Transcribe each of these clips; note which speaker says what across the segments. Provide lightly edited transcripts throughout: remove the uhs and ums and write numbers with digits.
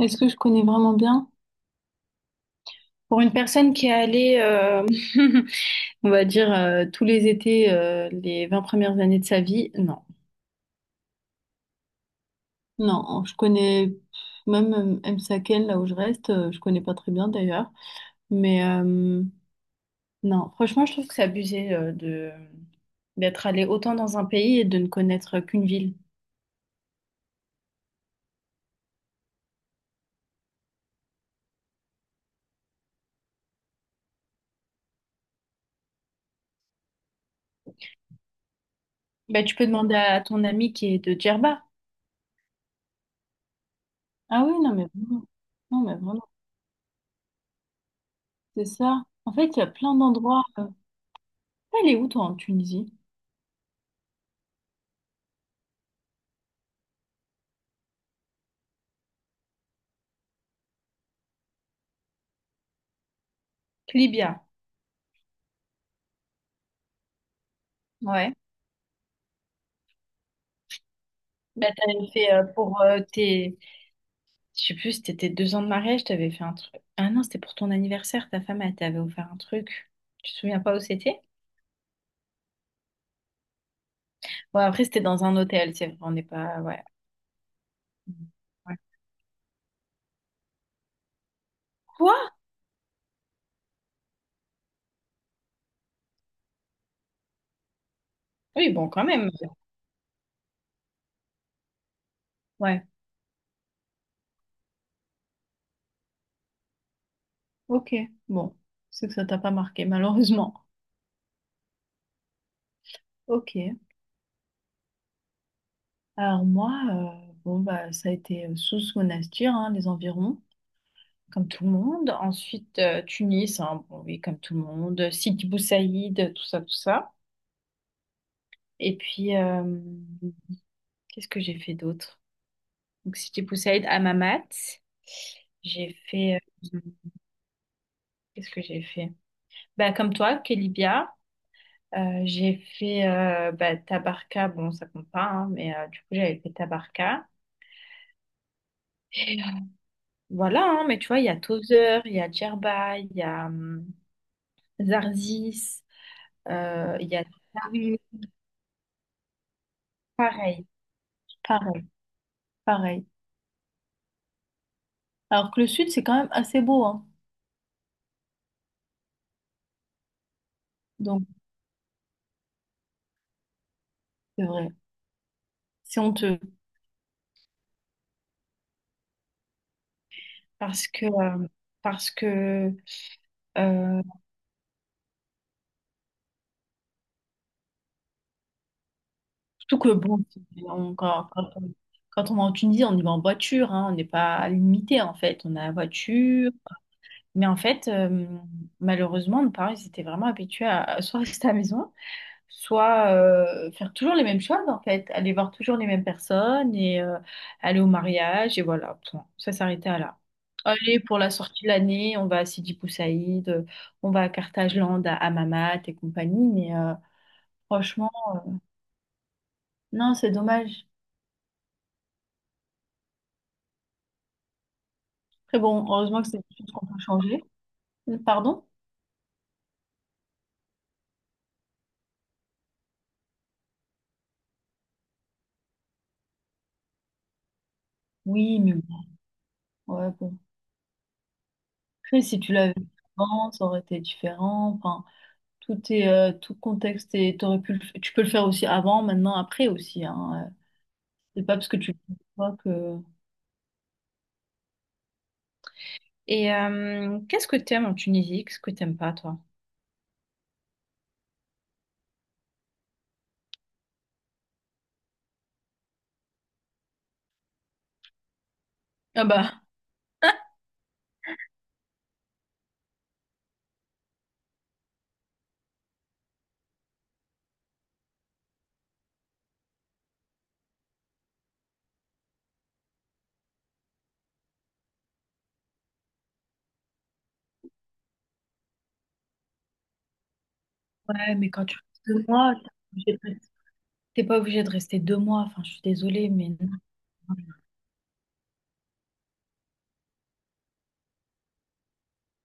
Speaker 1: Est-ce que je connais vraiment bien? Pour une personne qui est allée, on va dire, tous les étés, les 20 premières années de sa vie, non. Non, je connais même M'Saken, là où je reste, je connais pas très bien d'ailleurs. Mais non, franchement, je trouve que c'est abusé de d'être allé autant dans un pays et de ne connaître qu'une ville. Bah, tu peux demander à ton ami qui est de Djerba. Ah oui, non, mais vraiment. Non, mais vraiment, c'est ça. En fait, il y a plein d'endroits. T'es allé où, toi, en Tunisie? Libya, ouais. Bah, t'avais fait pour tes. Je sais plus, c'était tes 2 ans de mariage, t'avais fait un truc. Ah non, c'était pour ton anniversaire, ta femme, elle t'avait offert un truc. Tu te souviens pas où c'était? Ouais, après, c'était dans un hôtel, c'est vrai, on n'est pas. Ouais. Ouais. Quoi? Oui, bon, quand même. Ouais, ok. Bon, c'est que ça t'a pas marqué, malheureusement. Ok. Alors, moi, bon, bah, ça a été sous Monastir, hein, les environs, comme tout le monde. Ensuite, Tunis, hein, bon, oui, comme tout le monde. Sidi Bou Saïd, tout ça, tout ça. Et puis, qu'est-ce que j'ai fait d'autre? Donc, Sidi Bou Saïd, Hammamet. J'ai fait. euh, Qu'est-ce que j'ai fait? Bah, comme toi, Kelibia. J'ai fait bah, Tabarka. Bon, ça compte pas, hein, mais du coup, j'avais fait Tabarka. Voilà, hein, mais tu vois, il y a Tozeur, il y a Djerba, il y a Zarzis, il y a... Ah oui, pareil, pareil. Pareil. Alors que le sud, c'est quand même assez beau, hein. Donc, c'est vrai. C'est honteux. Parce que, euh, parce que, euh, surtout que bon, on- quand, quand on, quand on va en Tunisie, on y va en voiture, hein. On n'est pas limité, en fait. On a la voiture. Mais en fait, malheureusement, nos parents, ils étaient vraiment habitués à soit rester à la maison, soit faire toujours les mêmes choses en fait, aller voir toujours les mêmes personnes et aller au mariage et voilà, point. Ça s'arrêtait à là. Allez, pour la sortie de l'année, on va à Sidi Bou Saïd, on va à Carthagène, à Hammamet et compagnie, mais franchement, non, c'est dommage. Très bon, heureusement que c'est des choses qu'on peut changer. Pardon? Oui, mais bon, ouais, bon. Après, si tu l'avais fait avant, ça aurait été différent. Enfin, tout est, tout contexte et t'aurais pu tu peux le faire aussi avant, maintenant, après aussi, hein. C'est pas parce que tu le vois que... Et qu'est-ce que t'aimes en Tunisie? Qu'est-ce que t'aimes pas, toi? Ah bah, Ouais, mais quand tu restes 2 mois, t'es pas obligé de rester- t'es pas obligé de rester 2 mois. Enfin, je suis désolée, mais non.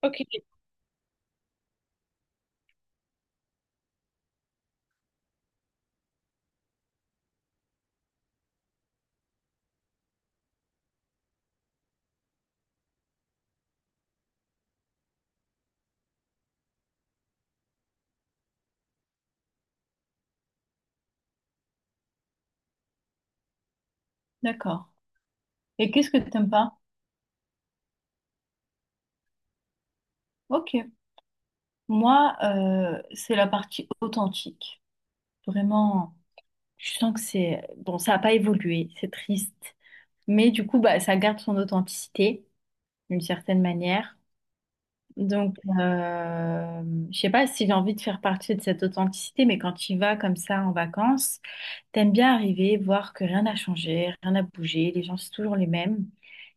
Speaker 1: Ok. D'accord. Et qu'est-ce que t'aimes pas? Ok. Moi, c'est la partie authentique. Vraiment, je sens que c'est... Bon, ça n'a pas évolué, c'est triste. Mais du coup, bah, ça garde son authenticité d'une certaine manière. Donc, je sais pas si j'ai envie de faire partie de cette authenticité, mais quand tu vas comme ça en vacances, t'aimes bien arriver, voir que rien n'a changé, rien n'a bougé, les gens c'est toujours les mêmes.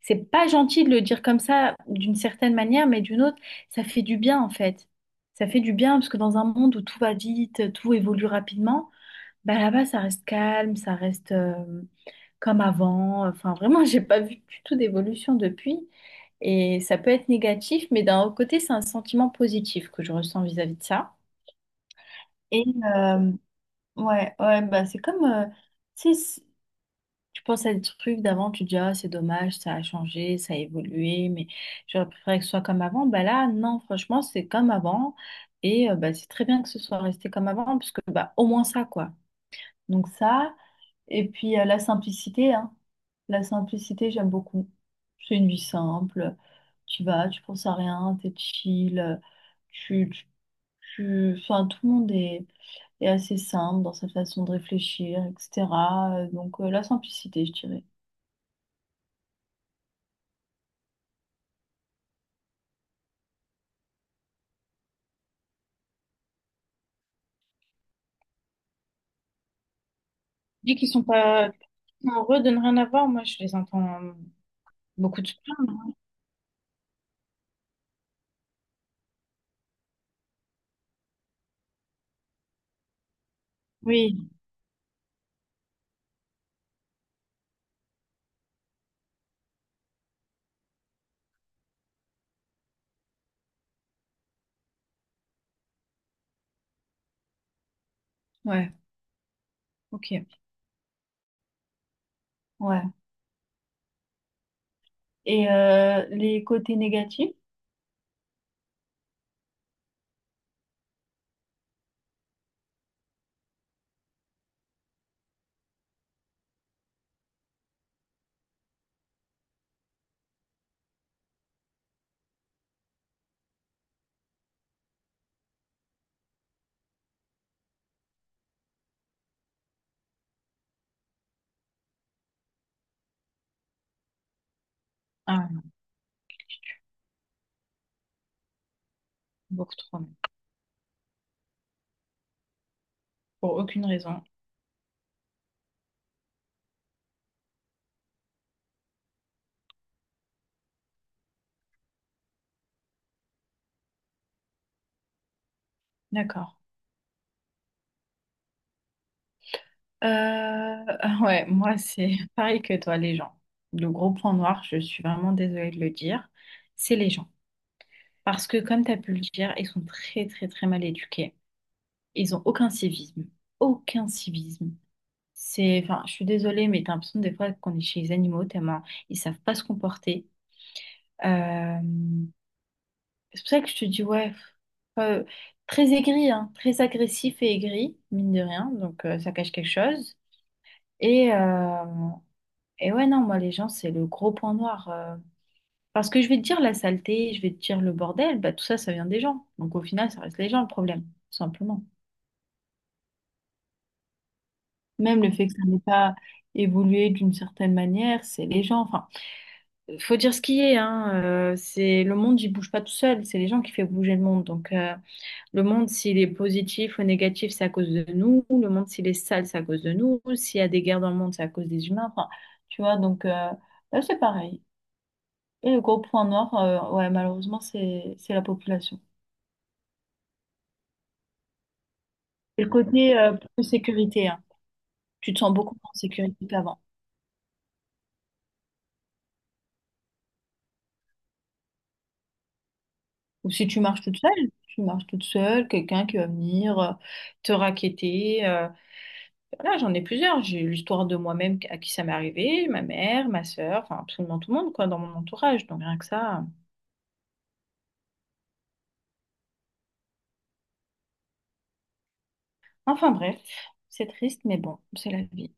Speaker 1: C'est pas gentil de le dire comme ça d'une certaine manière, mais d'une autre, ça fait du bien en fait. Ça fait du bien parce que dans un monde où tout va vite, tout évolue rapidement, bah là-bas ça reste calme, ça reste, comme avant. Enfin, vraiment, j'ai pas vu du tout d'évolution depuis. Et ça peut être négatif, mais d'un autre côté, c'est un sentiment positif que je ressens vis-à-vis de ça. Et euh, ouais, ouais, bah c'est comme, tu sais, tu penses à des trucs d'avant, tu te dis, ah, c'est dommage, ça a changé, ça a évolué, mais j'aurais préféré que ce soit comme avant. Bah là, non, franchement, c'est comme avant. Et bah, c'est très bien que ce soit resté comme avant, parce que bah, au moins ça, quoi. Donc ça, et puis la simplicité, hein. La simplicité, j'aime beaucoup. C'est une vie simple. Tu vas, tu penses à rien, t'es chill. Tu, tu, Enfin, tout le monde est, assez simple dans sa façon de réfléchir, etc. Donc la simplicité, je dirais. Euh, non. Beaucoup. Oui, ouais, ok. Ouais. Et les côtés négatifs? Ah, beaucoup trop. Pour aucune raison. D'accord. Euh, ah ouais, moi c'est pareil que toi, les gens. Le gros point noir, je suis vraiment désolée de le dire, c'est les gens. Parce que comme tu as pu le dire, ils sont très très très mal éduqués. Ils ont aucun civisme. Aucun civisme. C'est, enfin, je suis désolée, mais t'as l'impression des fois qu'on est chez les animaux, tellement ils savent pas se comporter. Euh, c'est pour ça que je te dis, ouais, pff, euh, très aigri, hein, très agressif et aigri, mine de rien, donc ça cache quelque chose. Et, euh, Et ouais, non, moi, les gens, c'est le gros point noir. Parce que je vais te dire la saleté, je vais te dire le bordel, bah, tout ça, ça vient des gens. Donc au final, ça reste les gens le problème, tout simplement. Même le fait que ça n'ait pas évolué d'une certaine manière, c'est les gens. Enfin, faut dire ce qui est, hein. C'est le monde, il bouge pas tout seul. C'est les gens qui font bouger le monde. Donc le monde, s'il est positif ou négatif, c'est à cause de nous. Le monde, s'il est sale, c'est à cause de nous. S'il y a des guerres dans le monde, c'est à cause des humains. Enfin, tu vois, donc là, c'est pareil. Et le gros point noir, ouais, malheureusement, c'est la population. Et le côté plus sécurité, hein. Tu te sens beaucoup moins en sécurité qu'avant. Ou si tu marches toute seule, tu marches toute seule, quelqu'un qui va venir te raqueter. Voilà, j'en ai plusieurs. J'ai eu l'histoire de moi-même à qui ça m'est arrivé, ma mère, ma sœur, enfin absolument tout le monde, quoi, dans mon entourage. Donc rien que ça. Enfin bref, c'est triste, mais bon, c'est la vie.